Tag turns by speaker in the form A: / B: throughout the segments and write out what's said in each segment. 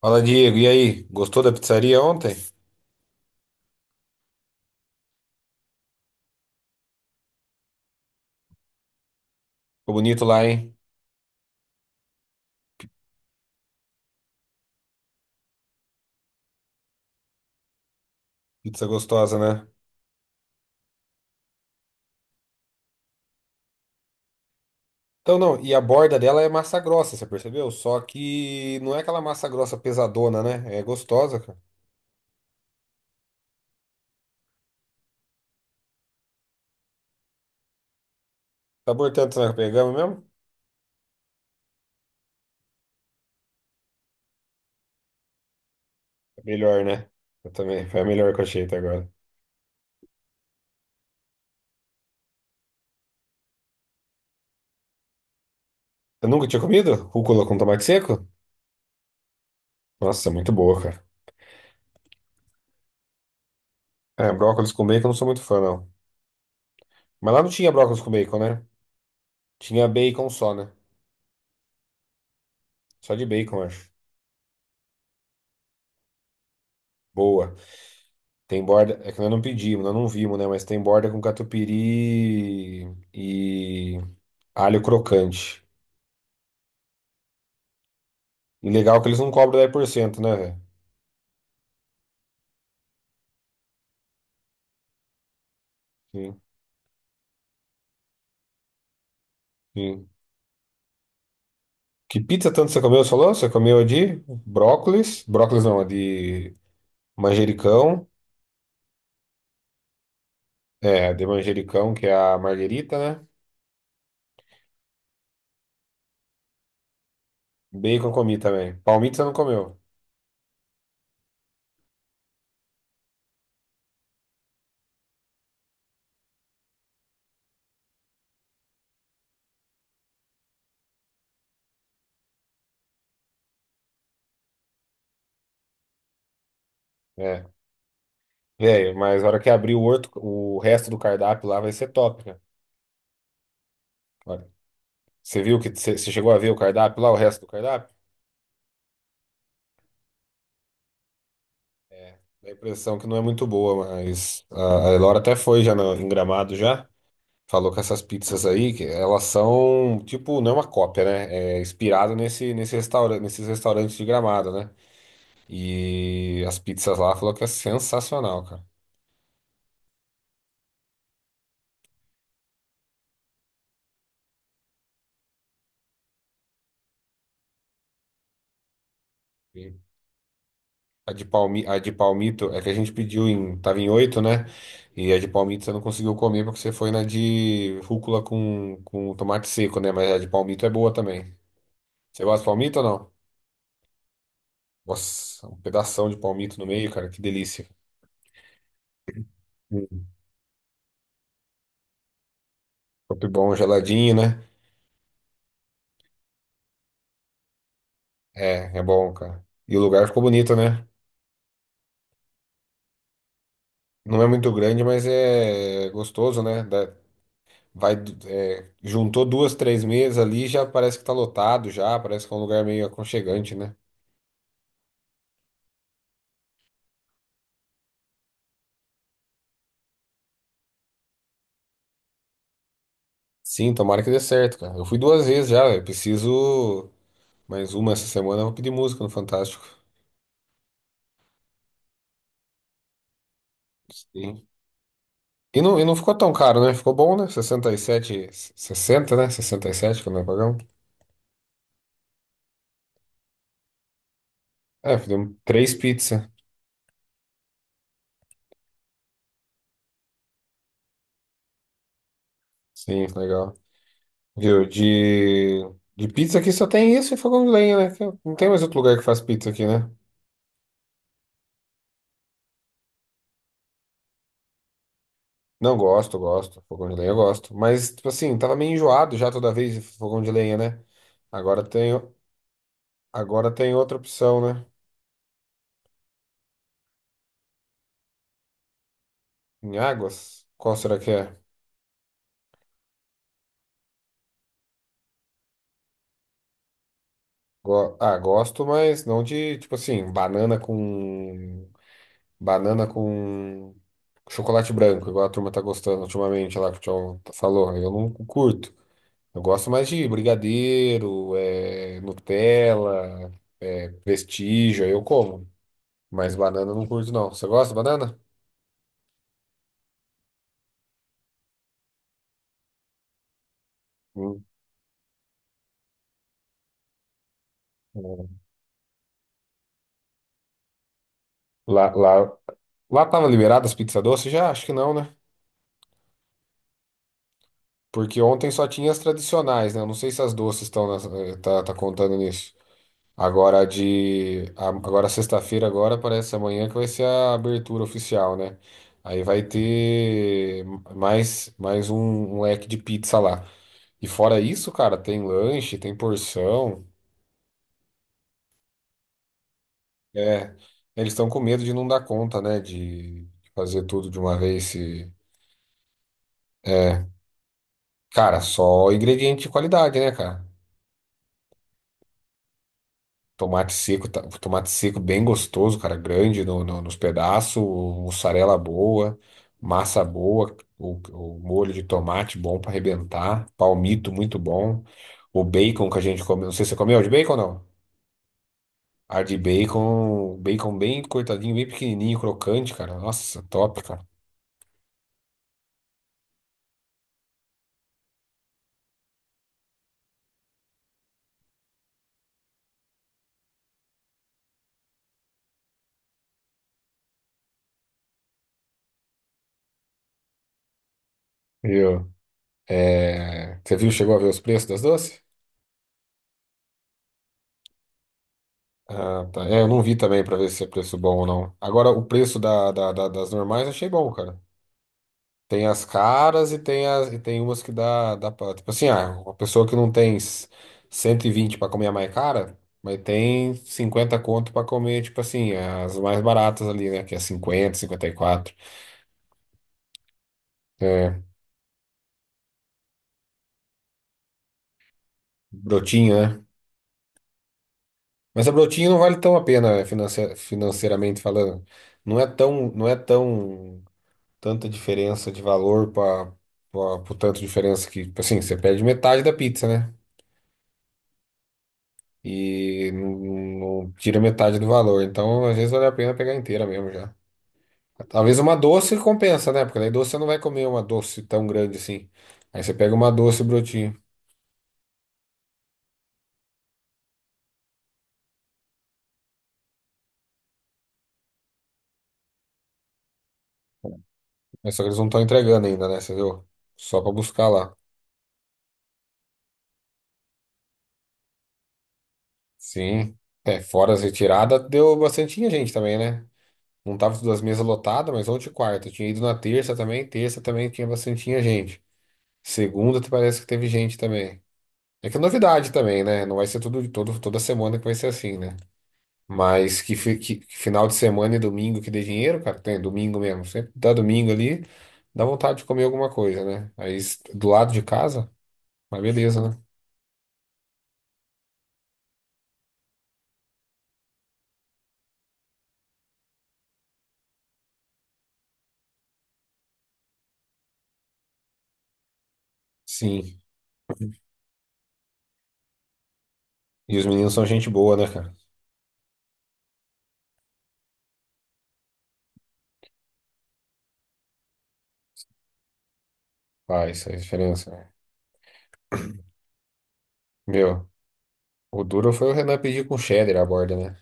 A: Fala, Diego. E aí? Gostou da pizzaria ontem? Ficou bonito lá, hein? Pizza gostosa, né? Então, não, e a borda dela é massa grossa, você percebeu? Só que não é aquela massa grossa pesadona, né? É gostosa, cara. Sabor tanto, né? Pegamos mesmo? É melhor, né? Eu também. Foi a melhor que eu achei até agora. Eu nunca tinha comido? Rúcula com tomate seco? Nossa, é muito boa, cara. É, brócolis com bacon eu não sou muito fã, não. Mas lá não tinha brócolis com bacon, né? Tinha bacon só, né? Só de bacon, acho. Boa. Tem borda, é que nós não pedimos, nós não vimos, né? Mas tem borda com catupiry e alho crocante. E legal que eles não cobram 10%, né, velho? Sim, sim. Que pizza tanto você comeu, você falou? Você comeu a de brócolis, brócolis não, a de manjericão, a de manjericão, que é a marguerita, né? Bacon eu comi também. Palmito você não comeu, é. Velho, mas a hora que abrir o, outro, o resto do cardápio lá vai ser top, né? Olha, você viu que você chegou a ver o cardápio lá, o resto do cardápio? É, dá a impressão que não é muito boa, mas a Elora até foi já no, em Gramado já. Falou que essas pizzas aí, que elas são, tipo, não é uma cópia, né? É inspirado nesse restaurante, nesses restaurantes de Gramado, né? E as pizzas lá falou que é sensacional, cara. E a de Palmito é que a gente pediu tava em oito, né? E a de Palmito você não conseguiu comer porque você foi na de rúcula com tomate seco, né? Mas a de Palmito é boa também. Você gosta de Palmito ou não? Nossa, um pedação de palmito no meio, cara, que delícia. Hum. Top bom, geladinho, né? É bom, cara. E o lugar ficou bonito, né? Não é muito grande, mas é gostoso, né? Vai, juntou duas, três mesas ali, já parece que tá lotado já, parece que é um lugar meio aconchegante, né? Sim, tomara que dê certo, cara. Eu fui duas vezes já, eu preciso mais uma essa semana, eu vou pedir música no Fantástico. Sim. E não, ficou tão caro, né? Ficou bom, né? 67, 60, né? 67, que nós pagamos. É, fizemos três pizzas. Sim, legal. Viu? De pizza aqui só tem isso e fogão de lenha, né? Que não tem mais outro lugar que faz pizza aqui, né? Não, gosto, gosto. Fogão de lenha eu gosto. Mas, tipo assim, tava meio enjoado já toda vez de fogão de lenha, né? Agora tem, agora tem outra opção, né? Em Águas? Qual será que é? Gosto, mas não de, tipo assim, banana com. Banana com chocolate branco, igual a turma tá gostando ultimamente lá que o Tchau falou. Eu não curto. Eu gosto mais de brigadeiro, é, Nutella, é, Prestígio, aí eu como. Mas banana eu não curto, não. Você gosta de banana? Hum. Hum. Lá, lá, lá tava liberada as pizzas doces? Já? Acho que não, né? Porque ontem só tinha as tradicionais, né? Eu não sei se as doces estão tá contando nisso. Agora a de... a- Agora sexta-feira, agora parece amanhã que vai ser a abertura oficial, né? Aí vai ter mais um leque de pizza lá. E fora isso, cara, tem lanche, tem porção. É, eles estão com medo de não dar conta, né? De fazer tudo de uma vez. Se... É, cara, só ingrediente de qualidade, né, cara? Tomate seco bem gostoso, cara, grande nos pedaços, mussarela boa, massa boa, o molho de tomate bom pra arrebentar, palmito muito bom, o bacon que a gente comeu. Não sei se você comeu de bacon ou não? Ar de bacon, bacon bem cortadinho, bem pequenininho, crocante, cara. Nossa, top, cara. Viu? É, você viu, chegou a ver os preços das doces? Ah, tá. É, eu não vi também pra ver se é preço bom ou não. Agora, o preço das normais eu achei bom, cara. Tem as caras e tem umas que dá pra. Tipo assim, ah, uma pessoa que não tem 120 pra comer a mais cara, mas tem 50 conto pra comer, tipo assim, as mais baratas ali, né? Que é 50, 54. É, brotinho, né? Mas a Brotinho não vale tão a pena financeiramente falando. Não é tão tanta diferença de valor para o tanto de diferença que, assim, você perde metade da pizza, né? E não, não tira metade do valor. Então, às vezes vale a pena pegar inteira mesmo já. Talvez uma doce compensa, né? Porque daí doce você não vai comer uma doce tão grande assim. Aí você pega uma doce Brotinho. Mas só que eles não estão entregando ainda, né? Você viu? Só para buscar lá. Sim. É, fora as retiradas, deu bastante gente também, né? Não tava todas as mesas lotadas, mas ontem e quarta. Eu tinha ido na terça também. Terça também tinha bastante tinha gente. Segunda parece que teve gente também. É que é novidade também, né? Não vai ser tudo, todo, toda semana que vai ser assim, né? Mas que final de semana e domingo que dê dinheiro, cara, tem domingo mesmo. Sempre dá domingo ali, dá vontade de comer alguma coisa, né? Aí do lado de casa, mas beleza, né? Sim. E os meninos são gente boa, né, cara? Faz diferença, né? Meu, o duro foi o Renan pedir com cheddar a borda, né?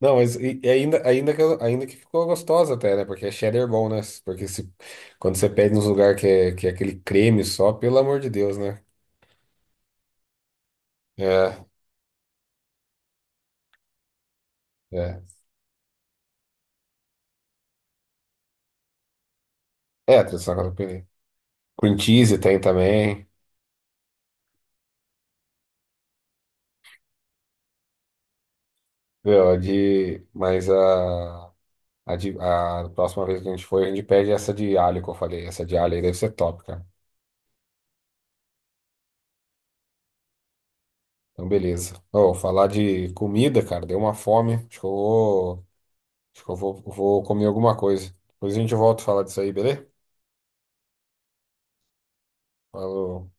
A: Não, mas ainda que ficou gostosa até, né? Porque é cheddar bom, né? Porque se, quando você pede nos lugares que é aquele creme só, pelo amor de Deus, né? É, é. É, tradicional catupiry. Cream cheese tem também. Meu, a próxima vez que a gente for, a gente pede essa de alho que eu falei. Essa de alho aí deve ser top, cara. Então, beleza. Ô, falar de comida, cara, deu uma fome. Acho que eu vou, acho que eu vou, vou comer alguma coisa. Depois a gente volta a falar disso aí, beleza? Falou.